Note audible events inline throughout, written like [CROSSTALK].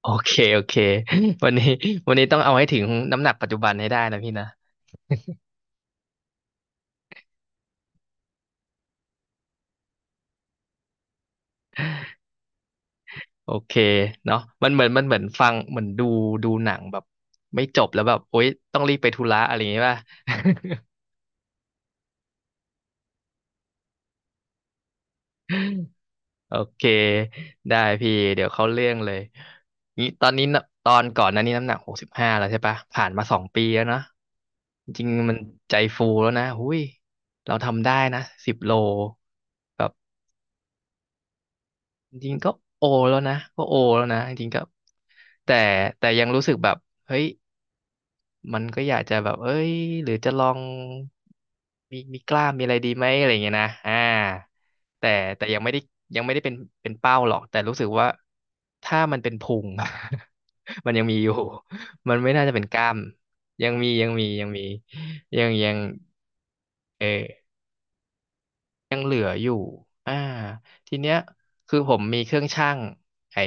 โอเคโอเค [LAUGHS] วันนี้ [LAUGHS] วันนี้ต้องเอาให้ถึงน้ำหนักปัจจุบันให้ได้นะพี่นะโอเคเนาะมันเหมือนฟังเหมือนดูหนังแบบไม่จบแล้วแบบโอ๊ยต้องรีบไปธุระอะไรอย่างงี้ป่ะโอเคได้พี่เดี๋ยวเข้าเรื่องเลยนี่ตอนนี้น่ะตอนก่อนหนั้นนี่น้ำหนัก65แล้วใช่ปะผ่านมาสองปีแล้วเนาะจริงๆมันใจฟูแล้วนะหุ้ยเราทำได้นะสิบโลแบบ จริงๆก็โอแล้วนะก็โอแล้วนะจริงๆก็แต่แต่ยังรู้สึกแบบเฮ้ยมันก็อยากจะแบบเอ้ยหรือจะลองมีกล้ามมีอะไรดีไหมอะไรอย่างเงี้ยนะแต่แต่ยังไม่ได้เป็นเป้าหรอกแต่รู้สึกว่าถ้ามันเป็นพุง [LAUGHS] มันยังมีอยู่มันไม่น่าจะเป็นกล้ามยังมียังมียังมียังยังเออ ยังเหลืออยู่อ่าทีเนี้ยคือผมมีเครื่องชั่งไอ้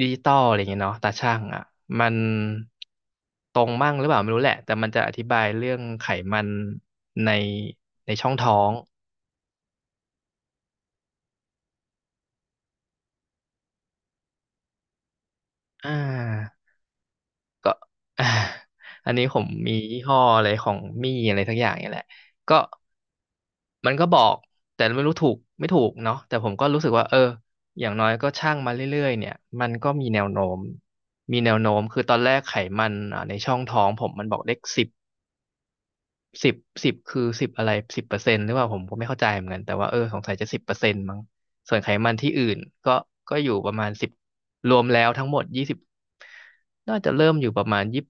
ดิจิตอลอะไรเงี้ยเนาะตาชั่งอ่ะ มันตรงมั่งหรือเปล่าไม่รู้แหละ แต่มันจะอธิบายเรื่องไขมันในในช่องท้อง อ่าก็ [LAUGHS] อ่าอันนี้ผมมียี่ห้ออะไรของมี่อะไรสักอย่างเนี่ยแหละ ก็ มันก็บอกแต่ไม่รู้ถูกไม่ถูกเนาะแต่ผมก็รู้สึกว่าเอออย่างน้อยก็ช่างมาเรื่อยๆเนี่ยมันก็มีแนวโน้มมีแนวโน้มคือตอนแรกไขมันในช่องท้องผมมันบอกเลขสิบสิบสิบคือสิบอะไรสิบเปอร์เซ็นต์หรือเปล่าผมก็ไม่เข้าใจเหมือนกันแต่ว่าเออสงสัยจะสิบเปอร์เซ็นต์มั้งส่วนไขมันที่อื่นก็ก็อยู่ประมาณสิบรวมแล้วทั้งหมดยี่สิบน่าจะเริ่มอยู่ประมาณยี่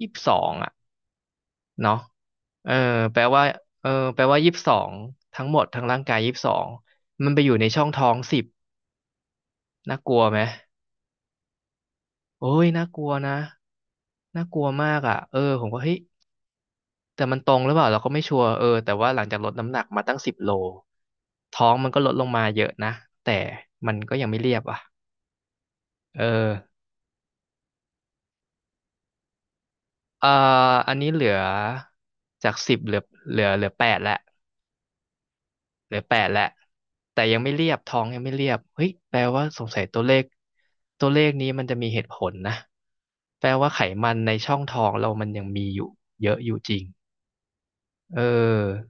สิบสองอ่ะ เนาะเออแปลว่ายี่สิบสองทั้งหมดทั้งร่างกายยี่สิบสองมันไปอยู่ในช่องท้องสิบน่ากลัวไหมโอ้ยน่ากลัวนะน่ากลัวมากอ่ะเออผมก็เฮ้ยแต่มันตรงหรือเปล่าเราก็ไม่ชัวร์เออแต่ว่าหลังจากลดน้ำหนักมาตั้งสิบโลท้องมันก็ลดลงมาเยอะนะแต่มันก็ยังไม่เรียบอ่ะเออเอ่ออันนี้เหลือจากสิบเหลือแปดแล้ว เหลือแปดแหละแต่ยังไม่เรียบท้องยังไม่เรียบเฮ้ยแปลว่าสงสัยตัวเลขตัวเลขนี้มันจะมีเหตุผลนะแปลว่าไขมันในช่องท้องเรามันยังมีอยู่เยอะอยู่จริงเออ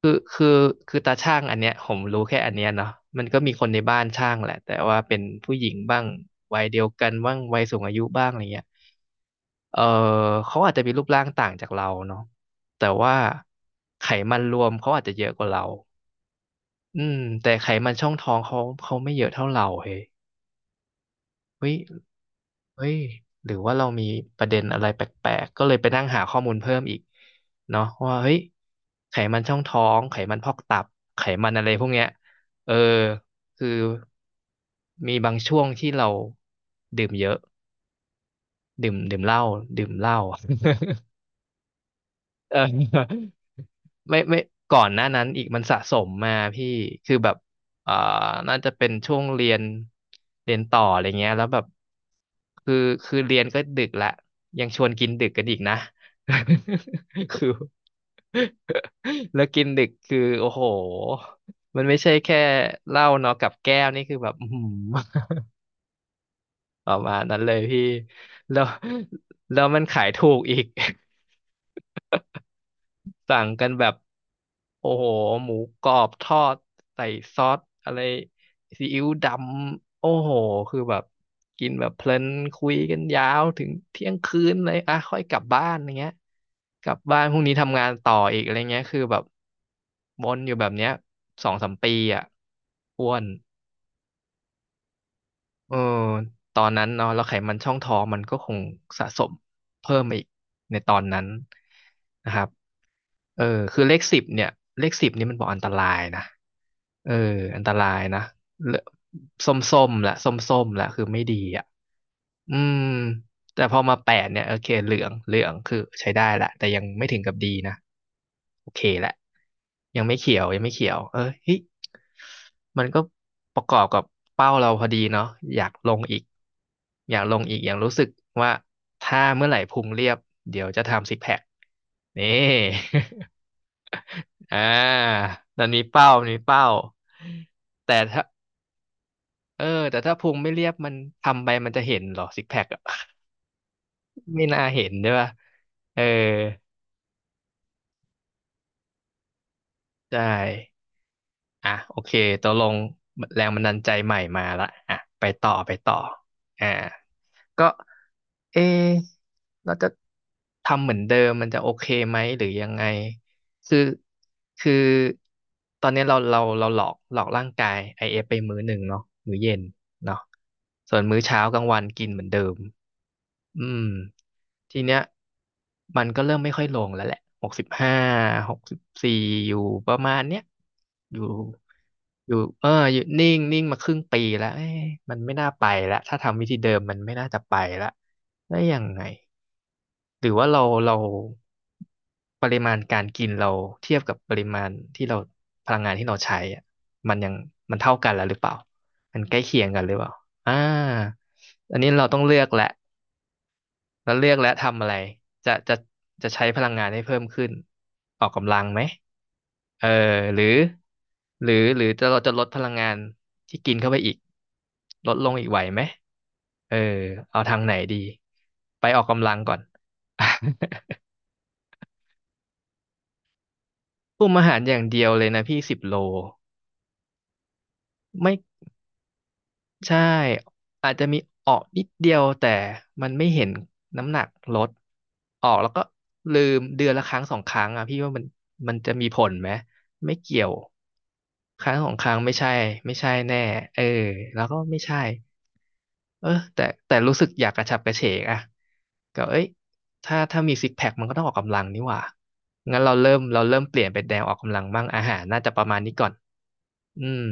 คือคือคือตาช่างอันเนี้ยผมรู้แค่อันเนี้ยเนาะมันก็มีคนในบ้านช่างแหละแต่ว่าเป็นผู้หญิงบ้างวัยเดียวกันบ้างวัยสูงอายุบ้างอะไรเงี้ยเออเขาอาจจะมีรูปร่างต่างจากเราเนาะแต่ว่าไขมันรวมเขาอาจจะเยอะกว่าเรา อืมแต่ไขมันช่องท้องเขาเขาไม่เยอะเท่าเราเฮ้ยเฮ้ยเฮ้ยหรือว่าเรามีประเด็นอะไรแปลกๆก็เลยไปนั่งหาข้อมูลเพิ่มอีกเนาะว่าเฮ้ยไขมันช่องท้องไขมันพอกตับไขมันอะไรพวกเนี้ยเออคือมีบางช่วงที่เราดื่มเยอะดื่มเหล้าดื่มเหล้า [LAUGHS] เออ ไม่ก่อนหน้านั้นอีกมันสะสมมาพี่คือแบบเอ่อน่าจะเป็นช่วงเรียนเรียนต่ออะไรเงี้ยแล้วแบบคือคือเรียนก็ดึกละยังชวนกินดึกกันอีกนะ [LAUGHS] คือแล้วกินดึกคือโอ้โหมันไม่ใช่แค่เหล้าเนาะกับแก้วนี่คือแบบอื้อหือ [LAUGHS] ประมาณนั้นเลยพี่แล้วแล้วมันขายถูกอีก [LAUGHS] สั่งกันแบบ โอ้โหหมูกรอบทอดใส่ซอสอะไรซีอิ๊วดำโอ้โหคือแบบกินแบบเพลินคุยกันยาวถึงเที่ยงคืนเลยอ่ะค่อยกลับบ้านอย่างเงี้ยกลับบ้านพรุ่งนี้ทำงานต่ออีกอะไรเงี้ยคือแบบวนอยู่แบบเนี้ยสองสามปีอ่ะอ้วนเออตอนนั้นเนาะแล้วไขมันช่องท้องมันก็คงสะสมเพิ่มมาอีกในตอนนั้นนะครับ เออคือเลขสิบเนี่ยเลขสิบนี่มันบอกอันตรายนะเอออันตรายนะเลส้มส้มละส้มส้มละคือไม่ดีอ่ะอืมแต่พอมาแปดเนี่ยโอเคเหลืองเหลืองคือใช้ได้ละแต่ยังไม่ถึงกับดีนะโอเคแหละยังไม่เขียวยังไม่เขียวเออเฮ้ยมันก็ประกอบกับเป้าเราพอดีเนาะอยากลงอีกอยากลงอีกอย่างรู้สึกว่าถ้าเมื่อไหร่พุงเรียบเดี๋ยวจะทำซิกแพคนี่ [LAUGHS] อ่านั่นมีเป้ามนมีเป้า แต่ถ้า เออ แต่ถ้าพุงไม่เรียบมันทำไปมันจะเห็นเหรอซิกแพคอะ [LAUGHS] ไม่น่าเห็นใช่ป่ะเออใช่ อ่ะโอเคตกลงแรงบันดาลใจใหม่มาละอ่ะไปต่อไปต่ออ่าก็เอะเราจะทำเหมือนเดิมมันจะโอเคไหมหรือยังไงคือคือตอนนี้เราหลอกร่างกาย IF ไปมื้อหนึ่งเนาะมื้อเย็นเนาะส่วนมื้อเช้ากลางวันกินเหมือนเดิมอืม ทีเนี้ยมันก็เริ่มไม่ค่อยลงแล้วแหละ6564อยู่ประมาณเนี้ยอยู่อยู่เอออยู่นิ่งนิ่งมาครึ่งปีแล้วเอ๊ะมันไม่น่าไปแล้วถ้าทำวิธีเดิมมันไม่น่าจะไปแล้วแล้วยังไงหรือว่าเราปริมาณการกินเราเทียบกับปริมาณที่เราพลังงานที่เราใช้อะมันยังมันเท่ากันแล้วหรือเปล่ามันใกล้เคียงกันหรือเปล่า อ่าอันนี้เราต้องเลือกแหละ แล้วเลือกและทำอะไรจะจะจะใช้พลังงานให้เพิ่มขึ้นออกกำลังไหมเออหรือหรือเราจะลดพลังงานที่กินเข้าไปอีกลดลงอีกไหวไหม เออเอาทางไหนดีไปออกกำลังก่อน [LAUGHS] คุมอาหารอย่างเดียวเลยนะพี่10 โลไม่ ใช่อาจจะมีออกนิดเดียวแต่มันไม่เห็นน้ำหนักลดออกแล้วก็ลืมเดือนละครั้งสองครั้งอ่ะพี่ว่ามันจะมีผลไหมไม่เกี่ยวครั้งสองครั้งไม่ใช่ไม่ใช่แน่เออแล้วก็ไม่ใช่เออแต่รู้สึกอยากกระฉับกระเฉงอ่ะก็เอ้ยถ้ามีซิกแพคมันก็ต้องออกกำลังนี่หว่างั้นเราเริ่มเปลี่ยนเป็นแนวออกกำลังบ้างอาหารน่าจะประมาณนี้ก่อนอืม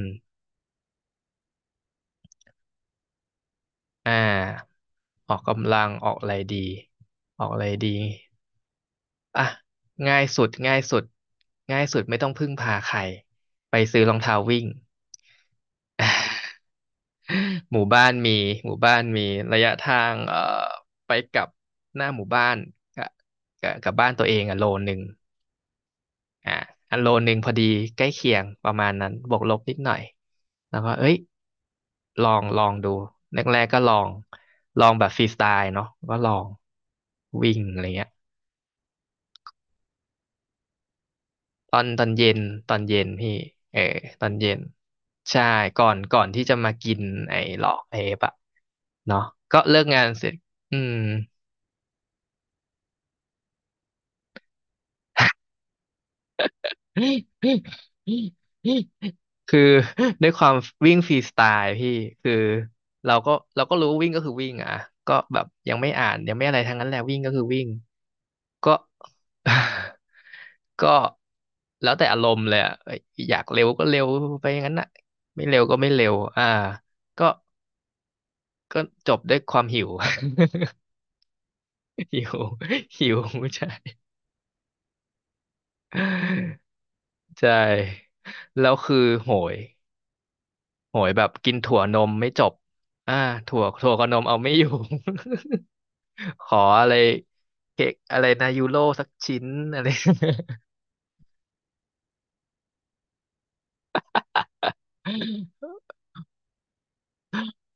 อ่าออกกำลังออกอะไรดีออกอะไรดีอ่ะง่ายสุดง่ายสุดง่ายสุดไม่ต้องพึ่งพาใครไปซื้อรองเท้าวิ่ง [LAUGHS] หมู่บ้านมีหมู่บ้านมีระยะทางไปกลับหน้าหมู่บ้านกะกะกับบ้านตัวเองอ่ะโลนึง อ่า1 โลพอดีใกล้เคียงประมาณนั้นบวกลบนิดหน่อยแล้วก็เอ้ยลองลองดูแรกๆก็ลองแบบฟรีสไตล์เนาะก็ลองวิ่งอะไรเงี้ยตอนเย็นตอนเย็นพี่เออตอนเย็นใช่ก่อนที่จะมากินไอ้หลอกไอ้เอฟอะเนาะก็เลิกงานเสร็จอืม [LAUGHS] คือ [LAUGHS] ด้วยความวิ่งฟรีสไตล์พี่คือเราก็เราก็รู้วิ่งก็คือวิ่งอ่ะก็แบบยังไม่อ่านยังไม่อะไรทั้งนั้นแหละวิ่งก็คือวิ่งก็ [LAUGHS] ก็แล้วแต่อารมณ์เลยอ่ะเอ้ยอยากเร็วก็เร็วไปอย่างนั้นน่ะไม่เร็วก็ไม่เร็วอ่าก็ก็จบด้วยความหิว [LAUGHS] หิวหิวใช่ใช่แล้วคือโหย โหยแบบกินถั่วนมไม่จบอ่าถั่วกับนมเอาไม่อยู่ [LAUGHS] ขออะไรเค้กอะไรนะยูโรสักชิ้นอะไร [LAUGHS]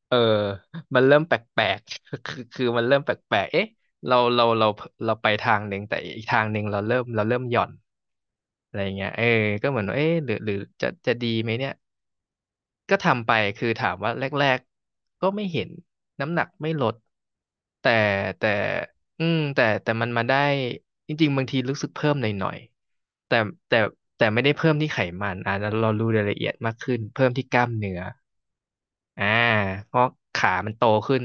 เออมันเริ่มแปลกๆคือมันเริ่มแปลกๆเอ๊ะเราเราเราเราไปทางหนึ่งแต่อีกทางหนึ่งเราเริ่มหย่อนอะไรเงี้ยเออก็เหมือนว่าเอ๊ะหรือจะดีไหมเนี่ย ก็ทำไปคือถามว่าแรกๆก็ไม่เห็นน้ำหนักไม่ลดแต่แต่อืมแต่มันมาได้จริงๆบางทีรู้สึกเพิ่มหน่อยๆแต่แต่ไม่ได้เพิ่มที่ไขมันอ่าเรารู้รายละเอียดมากขึ้นเพิ่มที่กล้ามเนื้ออ่าเพราะขามันโตขึ้น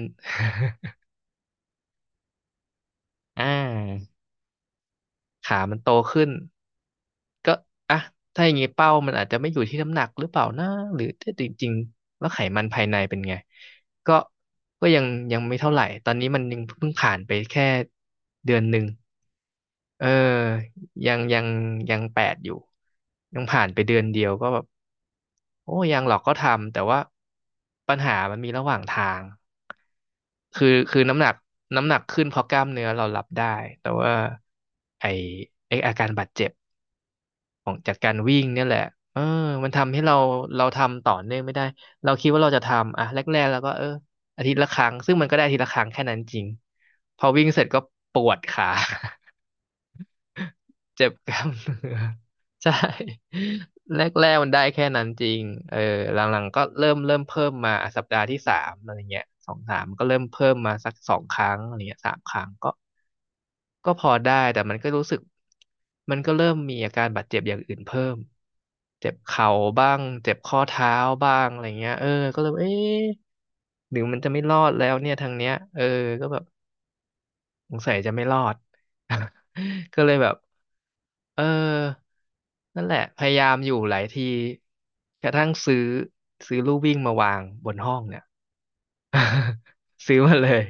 [LAUGHS] อ่าขามันโตขึ้น ก็อ่ะถ้าอย่างงี้เป้ามันอาจจะไม่อยู่ที่น้ำหนักหรือเปล่านะหรือถ้าจริงๆแล้วไขมันภายในเป็นไงก็ก็ยังไม่เท่าไหร่ตอนนี้มันยังเพิ่งผ่านไปแค่1 เดือนเออยังยังยังแปดอยู่ยังผ่านไปเดือนเดียวก็แบบโอ้ยังหรอกก็ทำแต่ว่าปัญหามันมีระหว่างทางคือน้ำหนักขึ้นเพราะกล้ามเนื้อเรารับได้แต่ว่าไอไออาการบาดเจ็บ ของจากการวิ่งเนี่ยแหละเออมันทำให้เราทำต่อเนื่องไม่ได้ เราคิดว่าเราจะทำอ่ะแรกๆแล้วก็เอออาทิตย์ละครั้งซึ่งมันก็ได้อาทิตย์ละครั้งแค่นั้นจริงพอวิ่งเสร็จก็ปวดขา [LAUGHS] เจ็บกล้ามเนื้อ [LAUGHS] ใช่แรกๆมันได้แค่นั้นจริงเออหลังๆก็เริ่มเพิ่มมาอ่ะสัปดาห์ที่สามอะไรเงี้ยสองสามก็เริ่มเพิ่มมาสักสองครั้งอะไรเงี้ยสามครั้งก็ ก็พอได้แต่มันก็รู้สึกมันก็เริ่มมีอาการบาดเจ็บอย่างอื่นเพิ่มเจ็บเข่าบ้างเจ็บข้อเท้าบ้างอะไรเงี้ยก็เลยเอ๊ะหรือมันจะไม่รอดแล้วเนี่ยทางเนี้ยก็แบบสงสัยจะไม่รอด [LAUGHS] ก็เลยแบบเออนั่นแหละพยายามอยู่หลายทีกระทั่งซื้อลู่วิ่งมาวางบนห้องเนี่ย [LAUGHS] ซื้อมาเลย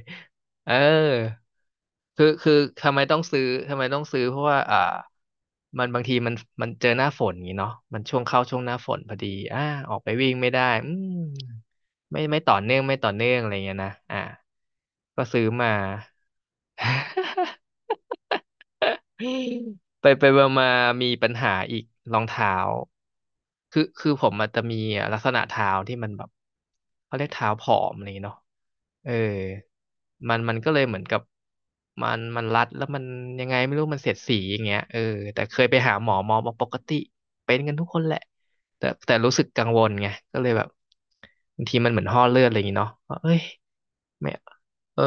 เออคือทำไมต้องซื้อเพราะว่าบางทีมันมันเจอหน้าฝนอย่างงี้เนาะมันช่วงเข้าช่วงหน้าฝนพอดีอ่าออกไปวิ่งไม่ได้อืมไม่ต่อเนื่องไม่ต่อเนื่องอะไรเงี้ยนะก็ซื้อมา [LAUGHS] ไปมาๆมีปัญหาอีกรองเท้าคือผมมันจะมีลักษณะเท้าที่มันแบบเขาเรียกเท้าผอมอะไรอย่างเงี้ยเนาะเออมันก็เลยเหมือนกับมันรัดแล้วมันยังไงไม่รู้มันเสียดสีอย่างเงี้ยแต่เคยไปหาหมอหมอบอกปกติเป็นกันทุกคนแหละแต่รู้สึกกังวลไงก็เลยแบบบางทีมันเหมือนห่อเลือดอะไรอย่างเงี้ยเนาะว่าเอ้ยไม่เออ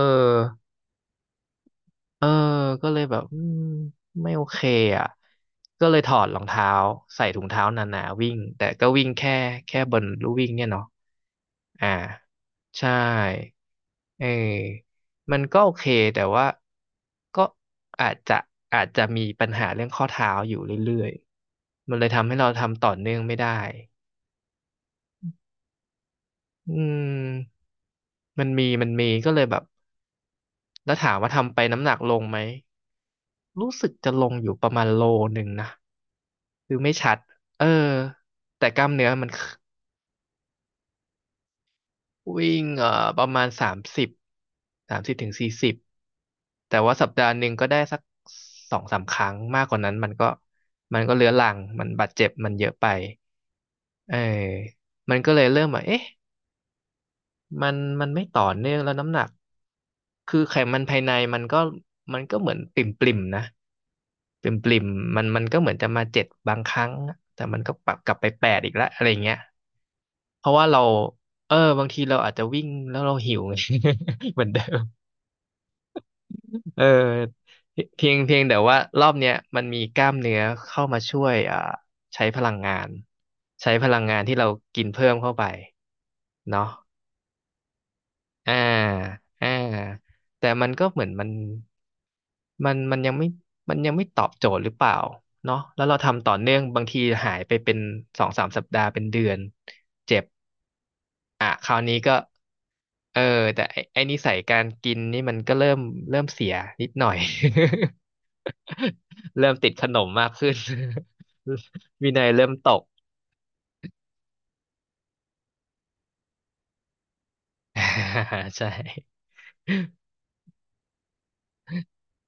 เออก็เลยแบบอืมไม่โอเคอ่ะก็เลยถอดรองเท้าใส่ถุงเท้าหนาๆวิ่งแต่ก็วิ่งแค่บนลู่วิ่งเนี่ยเนาะอ่าใช่เออมันก็โอเคแต่ว่าก็อาจจะอาจจะมีปัญหาเรื่องข้อเท้าอยู่เรื่อยๆมันเลยทำให้เราทำต่อเนื่องไม่ได้อืมมันมีก็เลยแบบแล้วถามว่าทำไปน้ำหนักลงไหมรู้สึกจะลงอยู่ประมาณโลหนึ่งนะ คือไม่ชัดเออแต่กล้ามเนื้อมันวิ่งประมาณสามสิบสามสิบถึงสี่สิบแต่ว่าสัปดาห์หนึ่งก็ได้สักสองสามครั้งมากกว่านั้นมันก็เรื้อรังมันบาดเจ็บมันเยอะไปเออมันก็เลยเริ่มแบบเอ๊ะมันมันไม่ต่อเนื่องแล้วน้ำหนักคือไขมันภายในมันก็เหมือนปริ่มปริมนะปริ่มปริมมันก็เหมือนจะมาเจ็ดบางครั้งแต่มันก็ปรับกลับไปแปดอีกแล้วอะไรเงี้ย เพราะว่าเราบางทีเราอาจจะวิ่งแล้วเราหิวไง [LAUGHS] เหมือนเดิมเออเพียงแต่ว่ารอบเนี้ยมันมีกล้ามเนื้อเข้ามาช่วยใช้พลังงานใช้พลังงานที่เรากินเพิ่มเข้าไปเนาะอ่าอ่าแต่มันก็เหมือนมันมันยังไม่ยังไม่ตอบโจทย์หรือเปล่าเนาะแล้วเราทำต่อเนื่องบางทีหายไปเป็นสองสามสัปดาห์เป็นเดือนเจ็บ อ่ะคราวนี้ก็เออแต่ไอ้นิสัยการกินนี่มันก็เริ่มเสียนิดหน่อย [LAUGHS] เริ่มติดขนมมากขึ้น [LAUGHS] วินัยเริ่มตก [LAUGHS] ใช่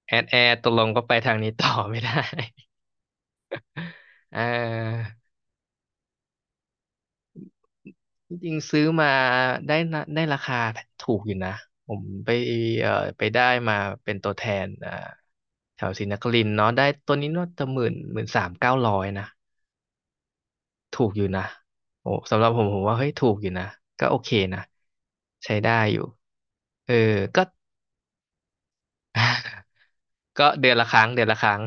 แอดตกลงก็ไปทางนี้ต่อไม่ได้ [LAUGHS] เออจริงๆซื้อมาได้นะได้ราคาถูกอยู่นะผมไปเอ่อไปได้มาเป็นตัวแทนแถวศรีนครินทร์เนาะได้ตัวนี้น่าจะหมื่นหมื่นสามเก้าร้อยนะ ถูกอยู่นะโอ้สำหรับผมว่าเฮ้ยถูกอยู่นะก็โอเคนะใช้ได้อยู่เออก็ [LAUGHS] ก็เดือนละครั้งเดือนละครั้ง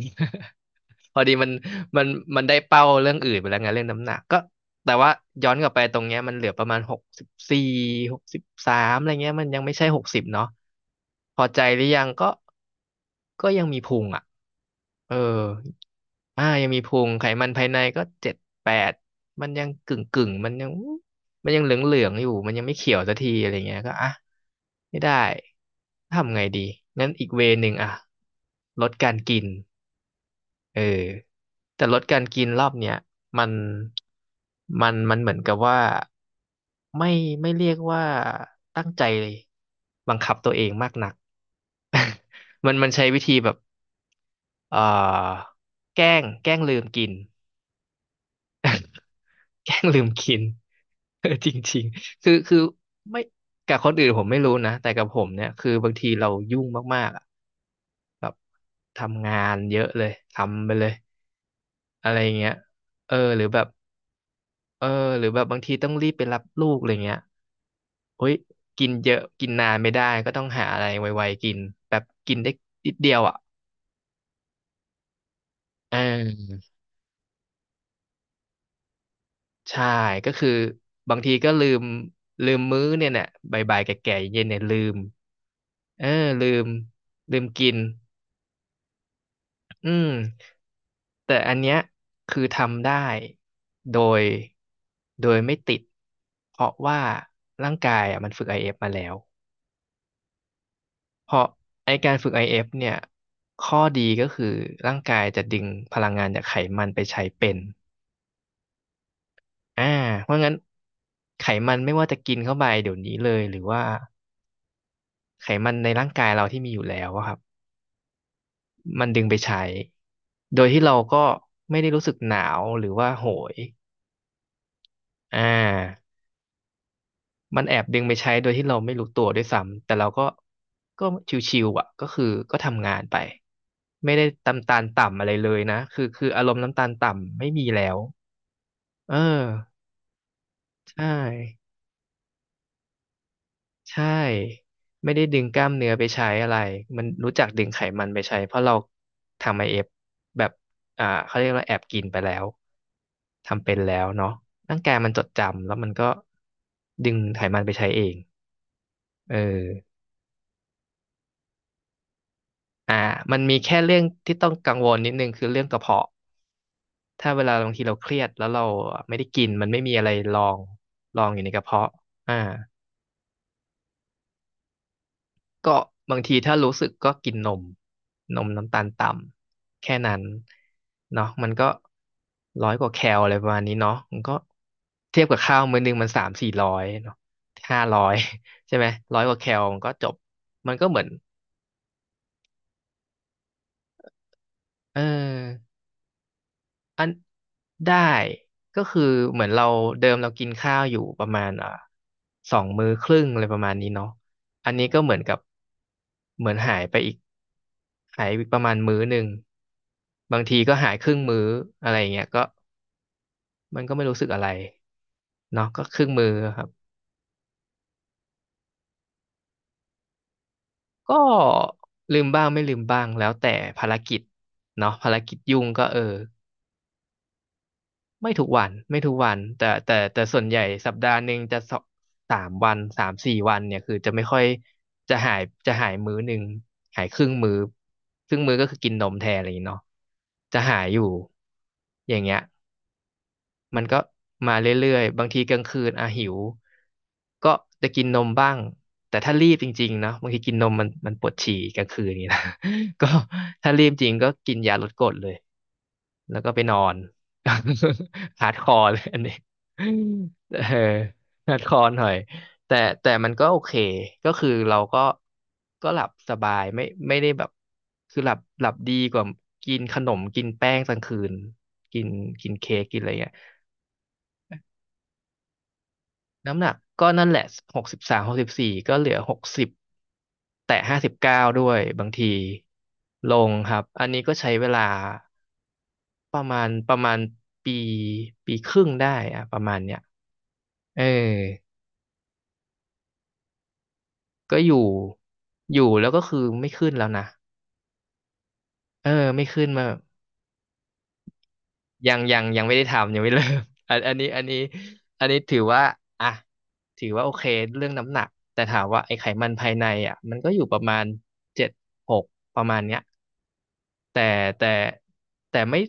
พอดีมันมันมันได้เป้าเรื่องอื่นไปแล้วไงเรื่องน้ำหนักก็แต่ว่าย้อนกลับไปตรงเนี้ยมันเหลือประมาณหกสิบสี่หกสิบสามอะไรเงี้ยมันยังไม่ใช่หกสิบเนาะพอใจหรือยังก็ก็ยังมีพุงอ่ะเออยังมีพุงไขมันภายในก็เจ็ดแปดมันยังกึ่งมันยังมันยังเหลืองเหลืองอยู่มันยังไม่เขียวสักทีอะไรเงี้ยก็อ่ะไม่ได้ทำไงดีงั้นอีกเวย์หนึ่งอ่ะลดการกิน เออแต่ลดการกินรอบเนี้ยมันมันมันเหมือนกับว่าไม่ไม่เรียกว่าตั้งใจบังคับตัวเองมากนัก [LAUGHS] มันใช้วิธีแบบเอ่อแกล้งลืมกิน [LAUGHS] แกล้งลืมกิน [LAUGHS] เออจริงๆคือไม่กับคนอื่นผมไม่รู้นะแต่กับผมเนี่ยคือบางทีเรายุ่งมากๆอะแบบทำงานเยอะเลยทำไปเลยอะไรอย่างเงี้ยเออหรือแบบ เออหรือแบบบางทีต้องรีบไปรับลูกอะไรเงี้ยเฮ้ยกินเยอะกินนานไม่ได้ก็ต้องหาอะไรไวๆกินแบบกินได้นิดเดียวอ่ะเออใช่ก็คือบางทีก็ลืมมื้อเนี่ยเนี่ยบ่ายๆแก่ๆเย็นเนี่ยลืมเออลืมลืมกินอืมแต่อันเนี้ยคือทำได้โดยไม่ติดเพราะว่าร่างกายอ่ะมันฝึก IF มาแล้ว เพราะไอการฝึก IF เอฟเนี่ยข้อดีก็คือร่างกายจะดึงพลังงานจากไขมันไปใช้เป็นอ่าเพราะงั้นไขมันไม่ว่าจะกินเข้าไปเดี๋ยวนี้เลยหรือว่าไขมันในร่างกายเราที่มีอยู่แล้วอะครับมันดึงไปใช้โดยที่เราก็ไม่ได้รู้สึกหนาวหรือว่าโหยอ่า มันแอบดึงไปใช้โดยที่เราไม่รู้ตัวด้วยซ้ำแต่เราก็ชิวๆอ่ะก็คือก็ทำงานไปไม่ได้ตำตาลต่ำอะไรเลยนะคืออารมณ์น้ำตาลต่ำไม่มีแล้วเออใช่ใช่ไม่ได้ดึงกล้ามเนื้อไปใช้อะไรมันรู้จักดึงไขมันไปใช้เพราะเราทำIFแบบเขาเรียกว่าแอบกินไปแล้วทำเป็นแล้วเนาะร่างกายมันจดจำแล้วมันก็ดึงไขมันไปใช้เองเออ อ่ามันมีแค่เรื่องที่ต้องกังวลนิดนึงคือเรื่องกระเพาะถ้าเวลาบางทีเราเครียดแล้วเราไม่ได้กินมันไม่มีอะไรรองรองอยู่ในกระเพาะอ่าก็บางทีถ้ารู้สึกก็กินนมนมน้ำตาลต่ำแค่นั้นเนาะมันก็ร้อยกว่าแคลอะไรประมาณนี้เนาะมันก็เทียบกับข้าวมื้อนึงมันสามสี่ร้อยเนาะ500 [LAUGHS] ใช่ไหมร้อยกว่าแคลมันก็จบมันก็เหมือนเอออัน ได้ก็คือเหมือนเราเดิมเรากินข้าวอยู่ประมาณสองมื้อครึ่งอะไรประมาณนี้เนาะอันนี้ก็เหมือนกับเหมือนหายไปอีกหายไปประมาณมื้อหนึ่งบางทีก็หายครึ่งมื้ออะไรอย่างเงี้ยก็มันก็ไม่รู้สึกอะไรเนาะก็ครึ่งมื้อครับก็ลืมบ้างไม่ลืมบ้างแล้วแต่ภารกิจเนาะภารกิจยุ่งก็เออ ไม่ทุกวันไม่ทุกวันแต่ส่วนใหญ่สัปดาห์หนึ่งจะสองสามวันสามสี่วันเนี่ยคือจะไม่ค่อยจะหายจะหายมื้อหนึ่งหายครึ่งมื้อครึ่งมื้อก็คือกินนมแทนอะไรอย่างเงี้ยเนาะจะหายอยู่อย่างเงี้ย มันก็มาเรื่อยๆ บางทีกลางคืนอ่ะหิวก็จะกินนมบ้างแต่ถ้ารีบจริงๆเนะบางทีกินนมมันปวดฉี่กลางคืนนี่นะ [LAUGHS] ก็ถ้ารีบจริงก็กินยาลดกรดเลยแล้วก็ไปนอน [LAUGHS] ฮาร์ดคอร์เลยอันนี้ [LAUGHS] เออฮาร์ดคอหน่อยแต่แต่มันก็โอเค ก็คือเราก็หลับสบายไม่ได้แบบคือหลับดีกว่ากินขนมกินแป้งกลางคืน กินกินเค้กกินอะไรเงี้ย น้ำหนักก็นั่นแหละ6364ก็เหลือหกสิบแต่59ด้วยบางทีลงครับอันนี้ก็ใช้เวลาประมาณปีปีครึ่งได้อะประมาณเนี้ยเออก็อยู่อยู่แล้วก็คือไม่ขึ้นแล้วนะเออไม่ขึ้นมา ยังไม่ได้ทำยังไม่เริ่ม [LAUGHS] อันอันนี้อันนี้อันนี้ถือว่าอ่ะถือว่าโอเคเรื่องน้ำหนักแต่ถามว่าไอ้ไขมันภายในอ่ะมันก็อยู่ประมาณเจ็ดหกประมาณเนี้ยแต่แต่แต่ไม่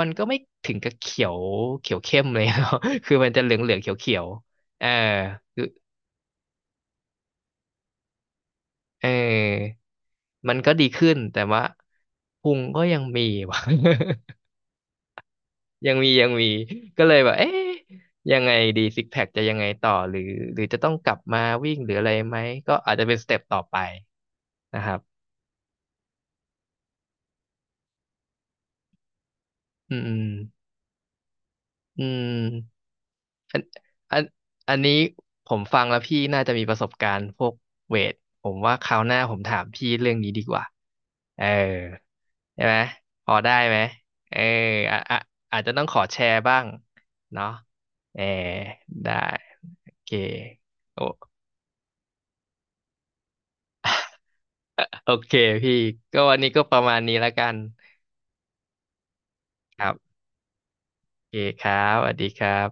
มันก็ไม่ถึงกับเขียวเขียวเข้มเลย [LAUGHS] เนาะ [LAUGHS] คือมันจะเหลืองเหลืองเขียวเขียวเออคือเออมันก็ดีขึ้นแต่ว่าพุงก็ยังมีว่ะ [LAUGHS] ยังมียังมี [LAUGHS] ก็เลยแบบเอ๊ะยังไงดีซิกแพคจะยังไงต่อหรือจะต้องกลับมาวิ่งหรืออะไรไหมก็อาจจะเป็นสเต็ปต่อไปนะครับอืมอืมอันอันอันนี้ผมฟังแล้วพี่น่าจะมีประสบการณ์พวกเวทผมว่าคราวหน้าผมถามพี่เรื่องนี้ดีกว่าเออใช่ไหมพอได้ไหมเอออ่ะอ่ะอาจจะต้องขอแชร์บ้างเนาะเออได้โอเคโอ้ โอเคพี่ก็วันนี้ก็ประมาณนี้แล้วกันครับโอเคครับสวัสดีครับ